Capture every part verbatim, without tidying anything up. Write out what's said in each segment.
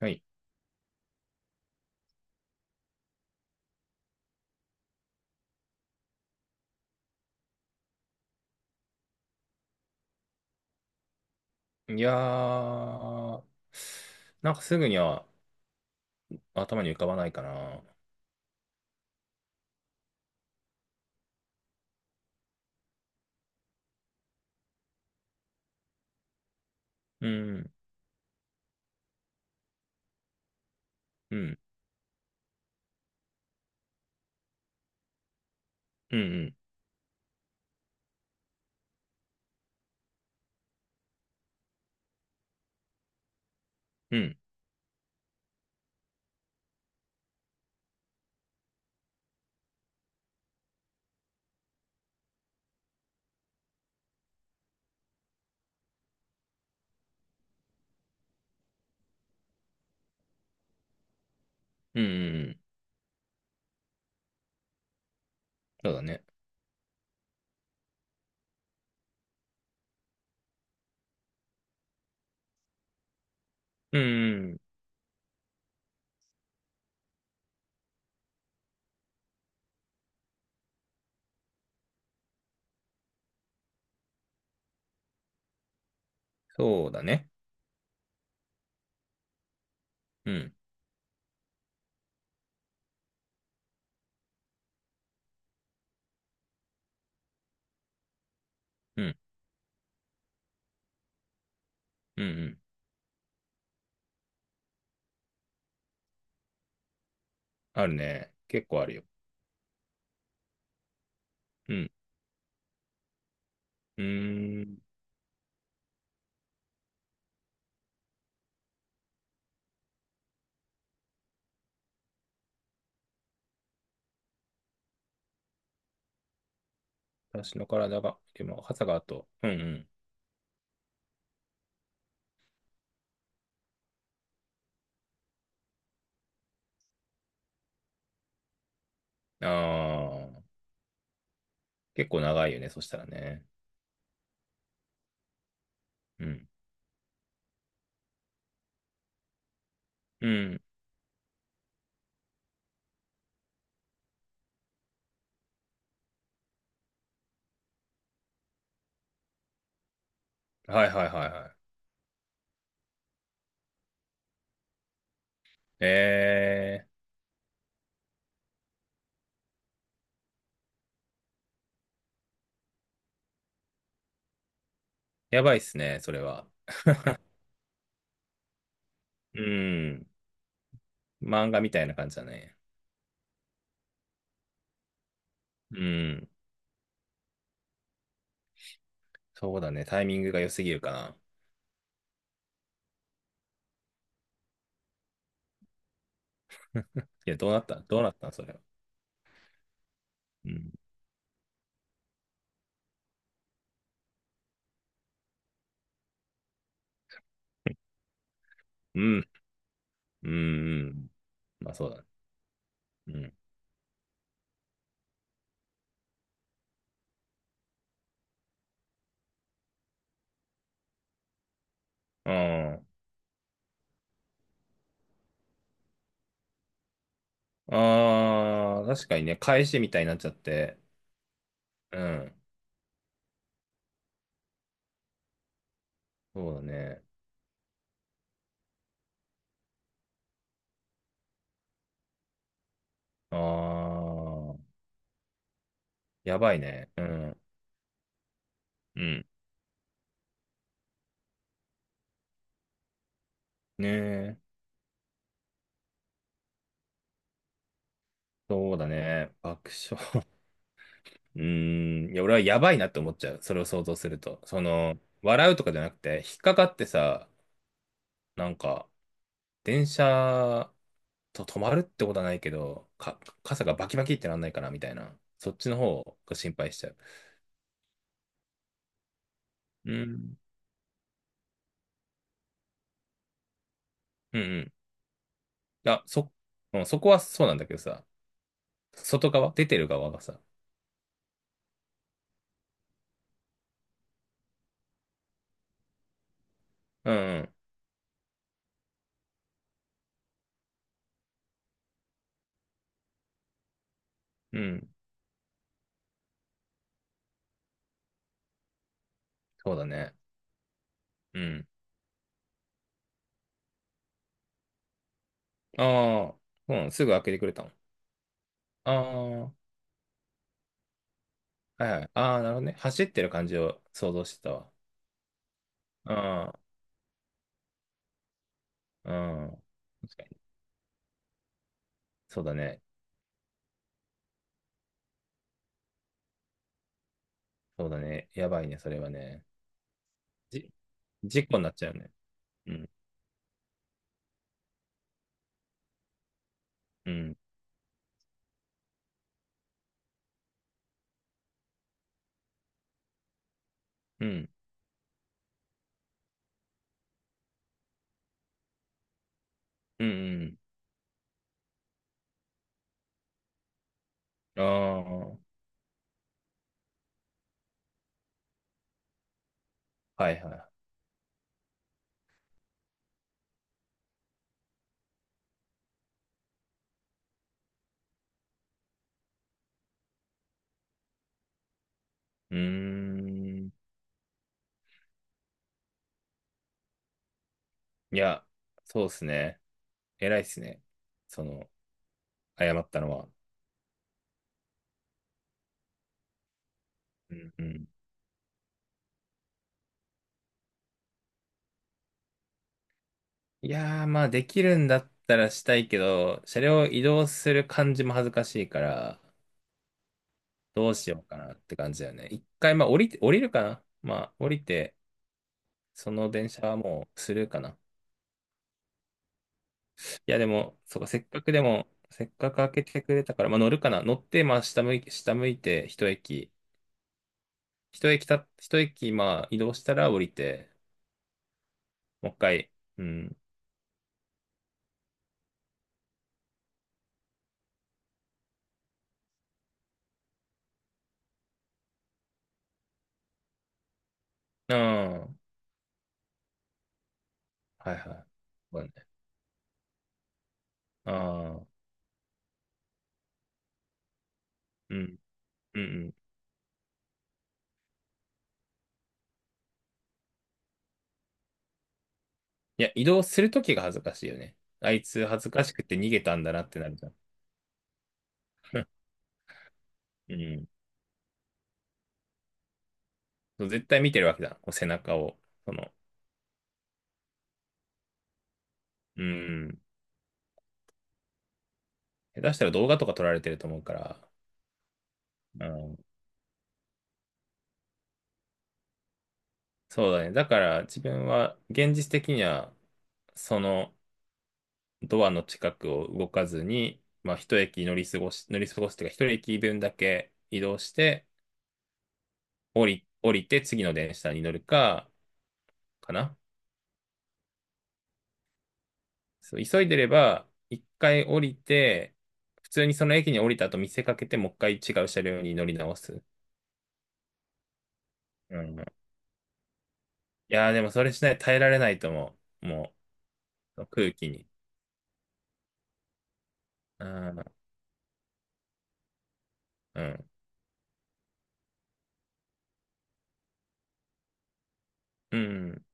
はい。いやー、なんかすぐには頭に浮かばないかな。うん、うん、うん、うん、うん、うん、うんうん。そうだね。うん、うん。そうだね。うん、うん、うん、うん。あるね。結構あるよ。うん、うーん。私の体が、でも、傘があと、うん、うん。あー、結構長いよね、そしたらね。うん、うん。はいはいはいはい。ええー、やばいっすね、それは。うん、漫画みたいな感じだね。うん。そうだね。タイミングが良すぎるかな。いや、どうなったどうなったんそれは。うん。うん。うん。うん。まあ、そうだね。うん。ああ。ああ、確かにね、返しみたいになっちゃって。うん。そうだね。ああ。やばいね。うん。うん。ねえ。そうだね。爆笑。うーん。いや、俺はやばいなって思っちゃう。それを想像すると。その、笑うとかじゃなくて、引っかかってさ、なんか、電車、と、止まるってことはないけど、か、傘がバキバキってなんないかなみたいな。そっちの方が心配しちゃう。うん。うんうん。いや、そ、うんあそうんそこはそうなんだけどさ、外側、出てる側がさ。うんうん。うん。そうだね。うん。ああ、うん、すぐ開けてくれたの？ああ、はいはい。ああ、なるほどね。走ってる感じを想像してたわ。ああ、うん。確かに。そうだね。そうだね。やばいね、それはね。じ、事故になっちゃうね。うん、うん、うん、うん、うん。ああ、はいはい。うーん。いや、そうですね。偉いっすね。その、謝ったのは。うんうん。いやー、まあ、できるんだったらしたいけど、車両を移動する感じも恥ずかしいから、どうしようかなって感じだよね。一回、まあ、降りて、降りるかな。まあ、降りて、その電車はもうスルーかな。いや、でも、そうか、せっかくでも、せっかく開けてくれたから、まあ、乗るかな。乗って、まあ、下向い、下向いて、一駅。一駅た、一駅、まあ、移動したら降りて、もう一回、うん。ああ、はいはい。そうだね。ああ、うん、うん、うん。いや、移動するときが恥ずかしいよね。あいつ恥ずかしくて逃げたんだなってなるじゃん。うん。そう、絶対見てるわけだ。こう背中を。その、うん。下手したら動画とか撮られてると思うから、うん。そうだね。だから、自分は、現実的には、その、ドアの近くを動かずに、まあ、一駅乗り過ごし、乗り過ごすというか、一駅分だけ移動して、降り、降りて次の電車に乗るか、かな。そう、急いでれば、一回降りて、普通にその駅に降りた後見せかけて、もう一回違う車両に乗り直す。うん。いやー、でもそれしない耐えられないと思う。もう、空気に。うん。うん。うん。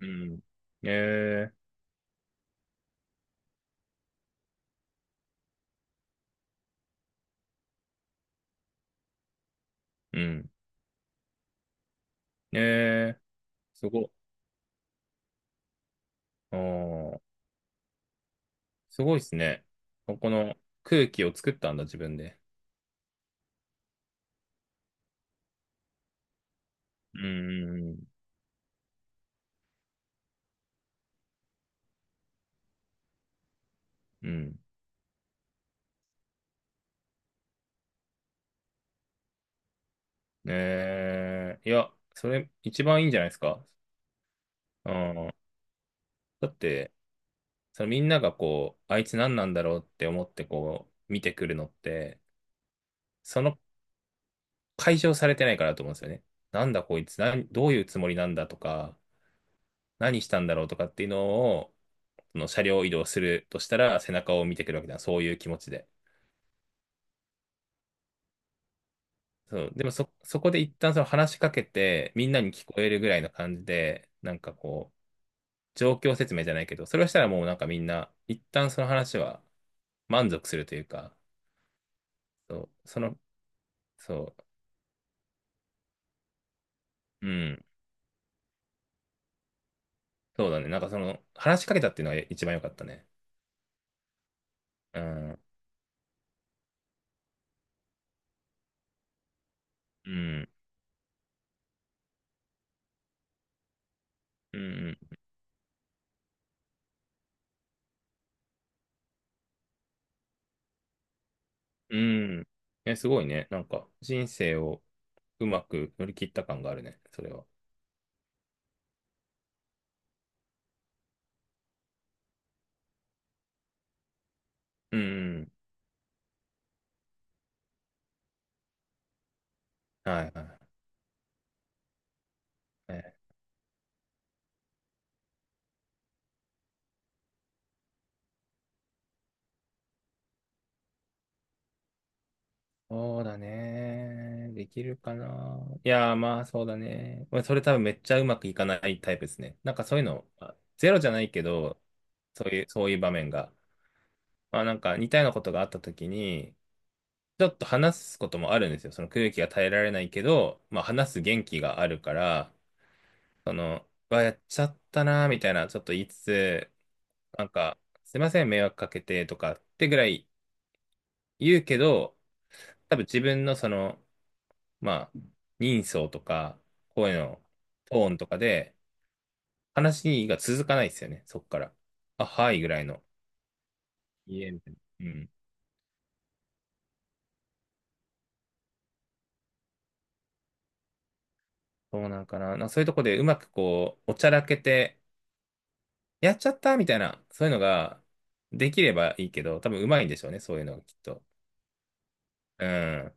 うん。えー、うん。えー、すごっ。おー、すごいですね。ここの空気を作ったんだ、自分で。うん、うん。えー、いや、それ一番いいんじゃないですか。うん。だって、そのみんながこう、あいつ何なんだろうって思ってこう、見てくるのって、その解消されてないからだと思うんですよね。なんだこいつ、なんどういうつもりなんだとか、何したんだろうとかっていうのを、その車両移動するとしたら、背中を見てくるわけだ。そういう気持ちで。そう、でもそ、そこで一旦その話しかけて、みんなに聞こえるぐらいの感じで、なんかこう、状況説明じゃないけど、それをしたらもうなんかみんな、一旦その話は満足するというか、そう、その、そう、うん、そうだね。なんかその、話しかけたっていうのが一番良かったね。うん、うん、うん、うん。え、すごいね。なんか、人生をうまく乗り切った感があるね、それは。うん、うん。はい、はい。そうだね。できるかな。いやー、まあそうだね。まあそれ多分めっちゃうまくいかないタイプですね。なんかそういうの、まあゼロじゃないけど、そういう、そういう場面が。まあなんか似たようなことがあった時に、ちょっと話すこともあるんですよ。その空気が耐えられないけど、まあ話す元気があるから、その、うわ、やっちゃったなーみたいな、ちょっと言いつつ、なんか、すいません、迷惑かけてとかってぐらい言うけど、多分自分のその、まあ、人相とか、声のトーンとかで、話が続かないですよね、そこから。あ、はいぐらいの。いいえ、みたいな。うん。そうなんかな。なそういうとこでうまくこう、おちゃらけて、やっちゃったみたいな、そういうのができればいいけど、多分うまいんでしょうね、そういうのがきっと。うん。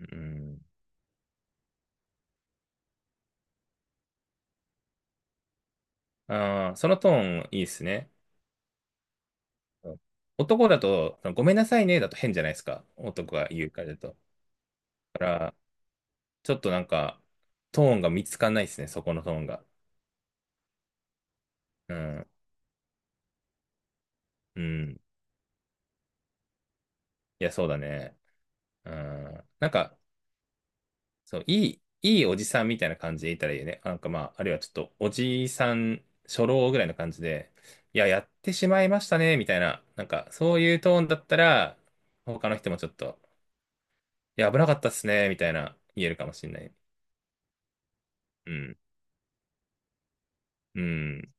うん。ああ、そのトーンいいですね。うん。男だと、ごめんなさいね、だと変じゃないですか。男が言うからだと。だからちょっとなんか、トーンが見つかんないですね、そこのトーンが。うん。うん。いや、そうだね。うん。なんか、そう、いい、いいおじさんみたいな感じでいたらいいよね。なんかまあ、あるいはちょっと、おじさん、初老ぐらいの感じで、いや、やってしまいましたね、みたいな。なんか、そういうトーンだったら、他の人もちょっと、いや、危なかったっすね、みたいな、言えるかもしれない。うん。うん。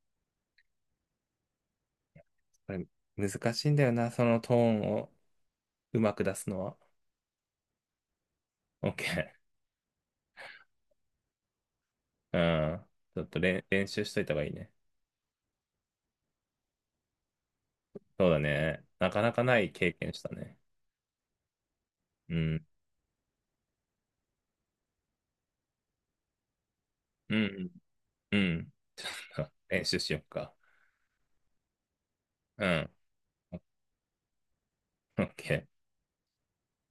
これ、難しいんだよな、そのトーンをうまく出すのは。OK。うん。ちょっと練、練習しといた方がいいね。そうだね。なかなかない経験したね。うん。うん。うん。ちょっと練習しよっか。うん。オッケー。